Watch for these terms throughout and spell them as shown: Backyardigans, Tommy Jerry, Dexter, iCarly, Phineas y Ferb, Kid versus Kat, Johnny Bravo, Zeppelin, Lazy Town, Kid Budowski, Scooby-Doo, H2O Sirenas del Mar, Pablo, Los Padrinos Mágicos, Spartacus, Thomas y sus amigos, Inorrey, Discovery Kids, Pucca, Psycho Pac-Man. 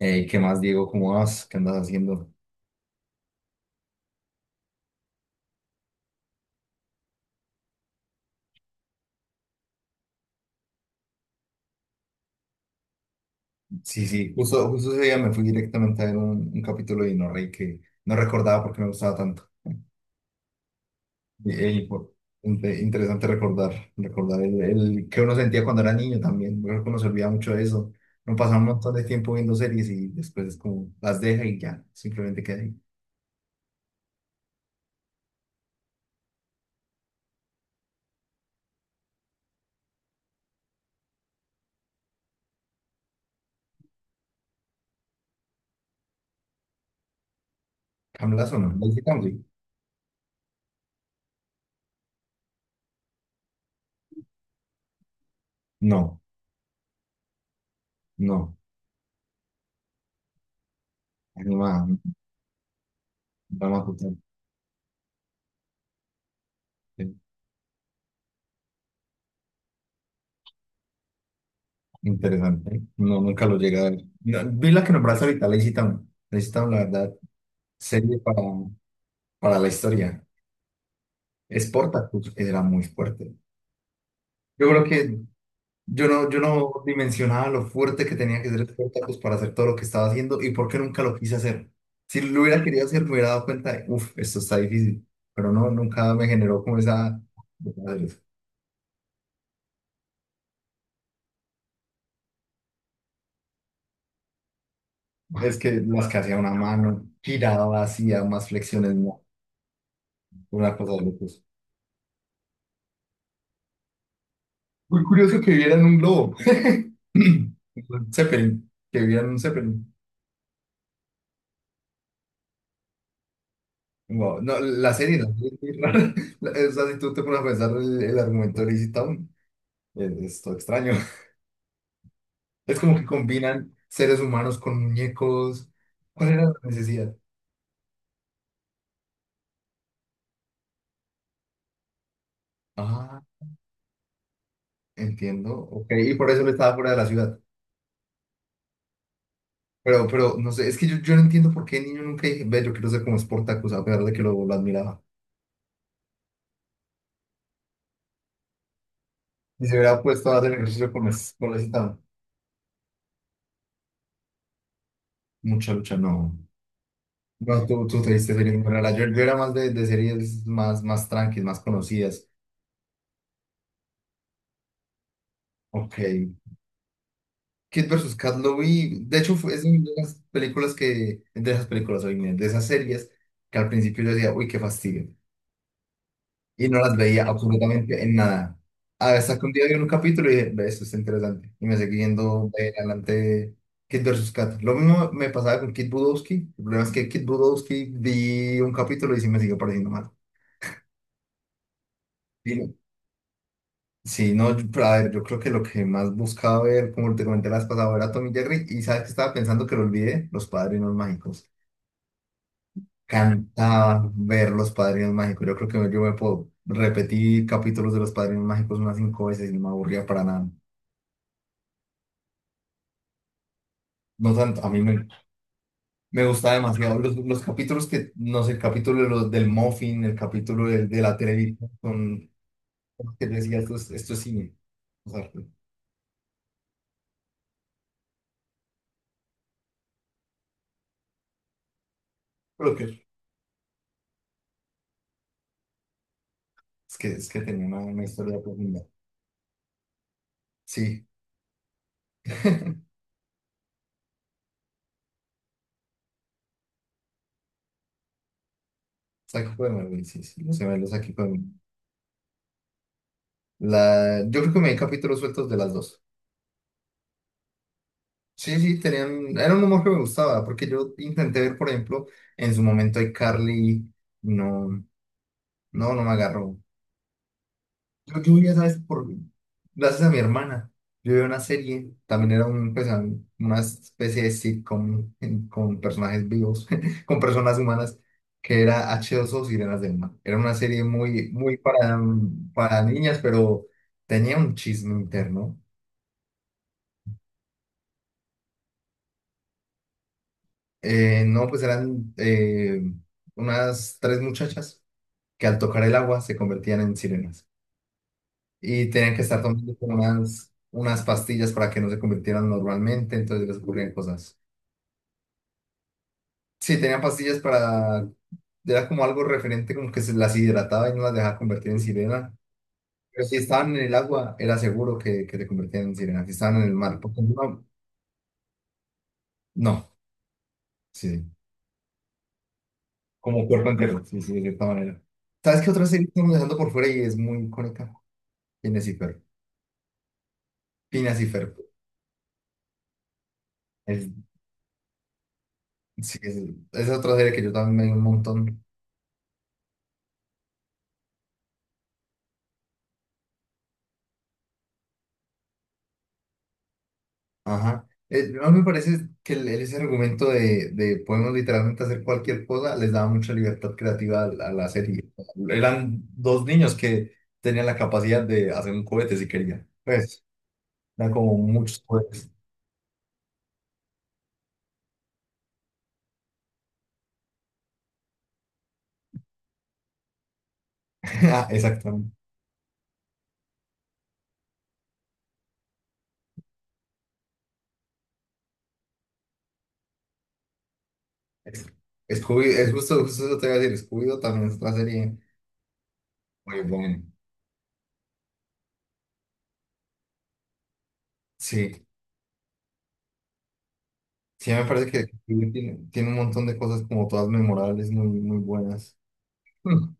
Ey, ¿qué más, Diego? ¿Cómo vas? ¿Qué andas haciendo? Sí, sí, justo ese día me fui directamente a ver un capítulo de Inorrey que no recordaba porque no me gustaba tanto. Y, ey, por- Interesante recordar el que uno sentía cuando era niño también. Creo que uno se olvida mucho de eso. Uno pasa un montón de tiempo viendo series y después es como las deja y ya, simplemente queda ahí. ¿Camlas o no? ¿Las de Camgly? No, no, animada, drama total. Interesante. No, nunca lo llegué a ver. No, vi la que nombraste ahorita, Lazy Town. Lazy Town, la verdad, serie para la historia. Es Spartacus era muy fuerte. Yo creo que yo no, yo no dimensionaba lo fuerte que tenía que ser Spartacus para hacer todo lo que estaba haciendo y por qué nunca lo quise hacer. Si lo hubiera querido hacer, me hubiera dado cuenta de, uff, esto está difícil. Pero no, nunca me generó como esa... Es que las que hacía una mano, giraba, hacía más flexiones, no, una cosa de locos. Muy curioso que vieran un globo. Un Zeppelin, que vieran un Zeppelin. Wow. No, la serie es muy rara. La- O sea, si tú te pones a pensar el argumento de Lizzie Town, es todo extraño. Es como que combinan seres humanos con muñecos. ¿Cuál era la necesidad? Ah, entiendo. Ok, y por eso le estaba fuera de la ciudad. Pero, no sé, es que yo no entiendo por qué el niño nunca dije, ve, yo quiero ser como Sportacus, a pesar de que lo admiraba. Y se hubiera puesto a hacer ejercicio con, es- con Lizzie Town. Mucha lucha, no. No, tú te viste series muy raras. Yo era más de series más, más tranquilas, más conocidas. Ok. Kid versus Kat lo vi. De hecho, fue- es una de las películas que, de esas películas, hoy de esas series que al principio yo decía, uy, qué fastidio. Y no las veía absolutamente en nada. Hasta que un día vi un capítulo y dije, "Ve, esto está interesante. Y me seguí viendo de adelante Kid versus Kat. Lo mismo me pasaba con Kid Budowski. El problema es que Kid Budowski vi un capítulo y sí me siguió pareciendo mal. Sí, no, yo- pero a ver, yo creo que lo que más buscaba ver, como te comenté la vez pasada, era Tommy Jerry, y sabes que estaba pensando que lo olvidé, Los Padrinos Mágicos. Cantaba ver Los Padrinos Mágicos. Yo creo que yo me puedo repetir capítulos de Los Padrinos Mágicos unas 5 veces y no me aburría para nada. No tanto, a mí me, me gustaba demasiado los capítulos que, no sé, el capítulo de los, del Muffin, el capítulo de la televisión, con, que yo decía, esto es cine. O sea, creo que es que, es que tenía una historia profunda. Sí. Psycho Pac-Man, güey, sí, sí, los gemelos aquí con la... Yo creo que me di capítulos sueltos de las dos. Sí, sí, tenían... Era un humor que me gustaba, porque yo intenté ver, por ejemplo, en su momento iCarly, no, no, no me agarró. Yo ya sabes, por, gracias a mi hermana, yo vi una serie, también era un, pues, un- una especie de sitcom en- con personajes vivos, con personas humanas, que era H2O Sirenas del Mar. Era una serie muy, muy para, para niñas, pero tenía un chisme interno. No, pues eran unas tres muchachas que al tocar el agua se convertían en sirenas. Y tenían que estar tomando como unas, unas pastillas para que no se convirtieran normalmente, entonces les ocurrían cosas. Sí, tenían pastillas para, era como algo referente, como que se las hidrataba y no las dejaba convertir en sirena. Pero si estaban en el agua, era seguro que te convertían en sirena. Si estaban en el mar, porque si no, no, sí, sí, como cuerpo entero, sí, sí, de cierta manera. ¿Sabes qué otra serie estamos dejando por fuera y es muy icónica? Phineas y Ferb. Phineas y Ferb. Es, sí, es otra serie que yo también me di un montón. Ajá. A mí me parece que el- ese argumento de podemos literalmente hacer cualquier cosa les daba mucha libertad creativa a la serie. Eran dos niños que tenían la capacidad de hacer un cohete si querían. Pues, eran como muchos cohetes. Ah, exactamente. Es, Scooby- es justo, justo eso te iba a decir. Scooby-Doo también es una serie muy buena. Sí, sí, me parece que Scooby tiene, tiene un montón de cosas como todas memorables, muy, muy buenas.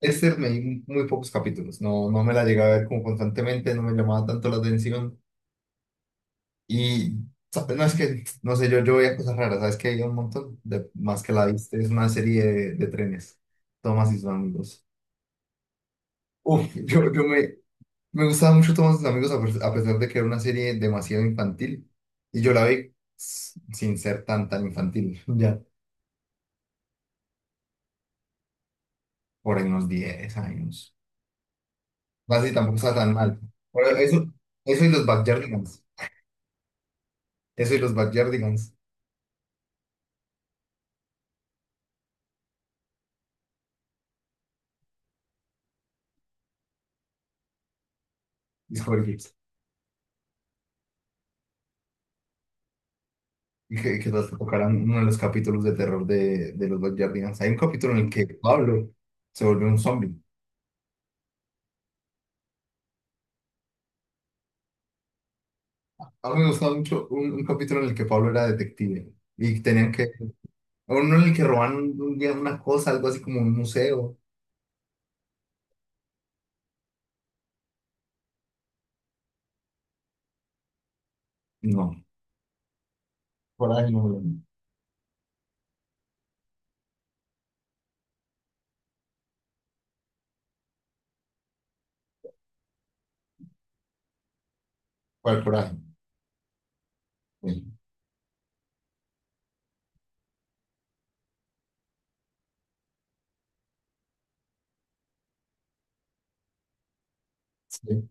Dexter me vi muy pocos capítulos, no, no me la llegué a ver como constantemente, no me llamaba tanto la atención y ¿sabes? No es que, no sé, yo veía cosas raras, sabes que hay un montón de más que la viste, es una serie de trenes, Thomas y sus amigos. Uf, yo me, me gustaba mucho Thomas y sus amigos a, pes- a pesar de que era una serie demasiado infantil y yo la vi s- sin ser tan tan infantil, ya por ahí unos 10 años, así tampoco está tan mal. Por eso, eso y los Backyardigans, eso y los Backyardigans. Discovery Kids. Y que nos tocarán uno de los capítulos de terror de los Backyardigans. Hay un capítulo en el que Pablo se volvió un zombie. A mí me gustaba mucho un capítulo en el que Pablo era detective y tenían que. Uno en el que roban un día una cosa, algo así como un museo. No, coraje, no. No. ¿Cuál coraje? Sí. Sí,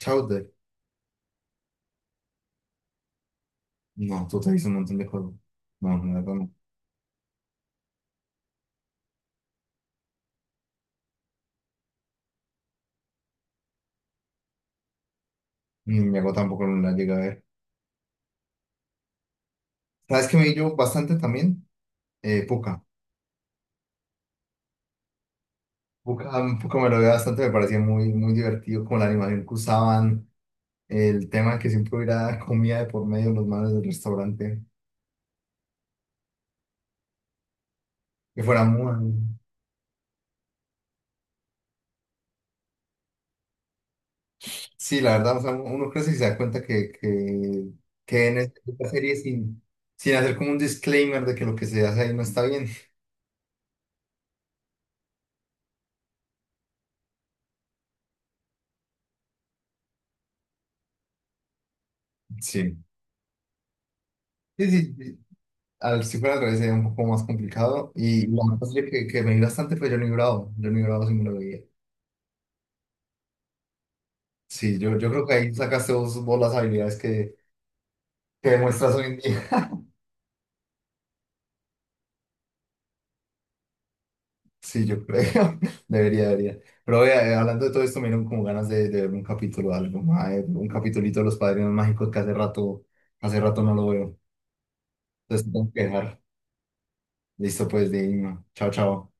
Chowder. No, tú te dices un montón de cosas. No, no, no. Ni me hago tampoco, no la llegué a ver. ¿Sabes que me vi yo bastante también? Pucca. Book- A mí como lo veía bastante, me parecía muy, muy divertido como la animación que usaban, el tema de que siempre hubiera comida de por medio en los manos del restaurante, que fuera muy... Sí, la verdad, o sea, uno crece y se da cuenta que en esta serie sin, sin hacer como un disclaimer de que lo que se hace ahí no está bien. Sí. Sí, sí, sí. Al, si fuera al revés sería un poco más complicado y la otra serie que me vi bastante fue Johnny Bravo, Johnny Bravo sí me lo veía. Sí, yo creo que ahí sacaste vos, vos las habilidades que demuestras hoy en día. Sí, yo creo. Debería, debería. Pero vea, hablando de todo esto, me dieron como ganas de ver un capítulo o algo, mae, un capitulito de Los Padrinos Mágicos que hace rato no lo veo. Entonces tengo que dejar. Listo, pues, de ahí, no. Chao, chao.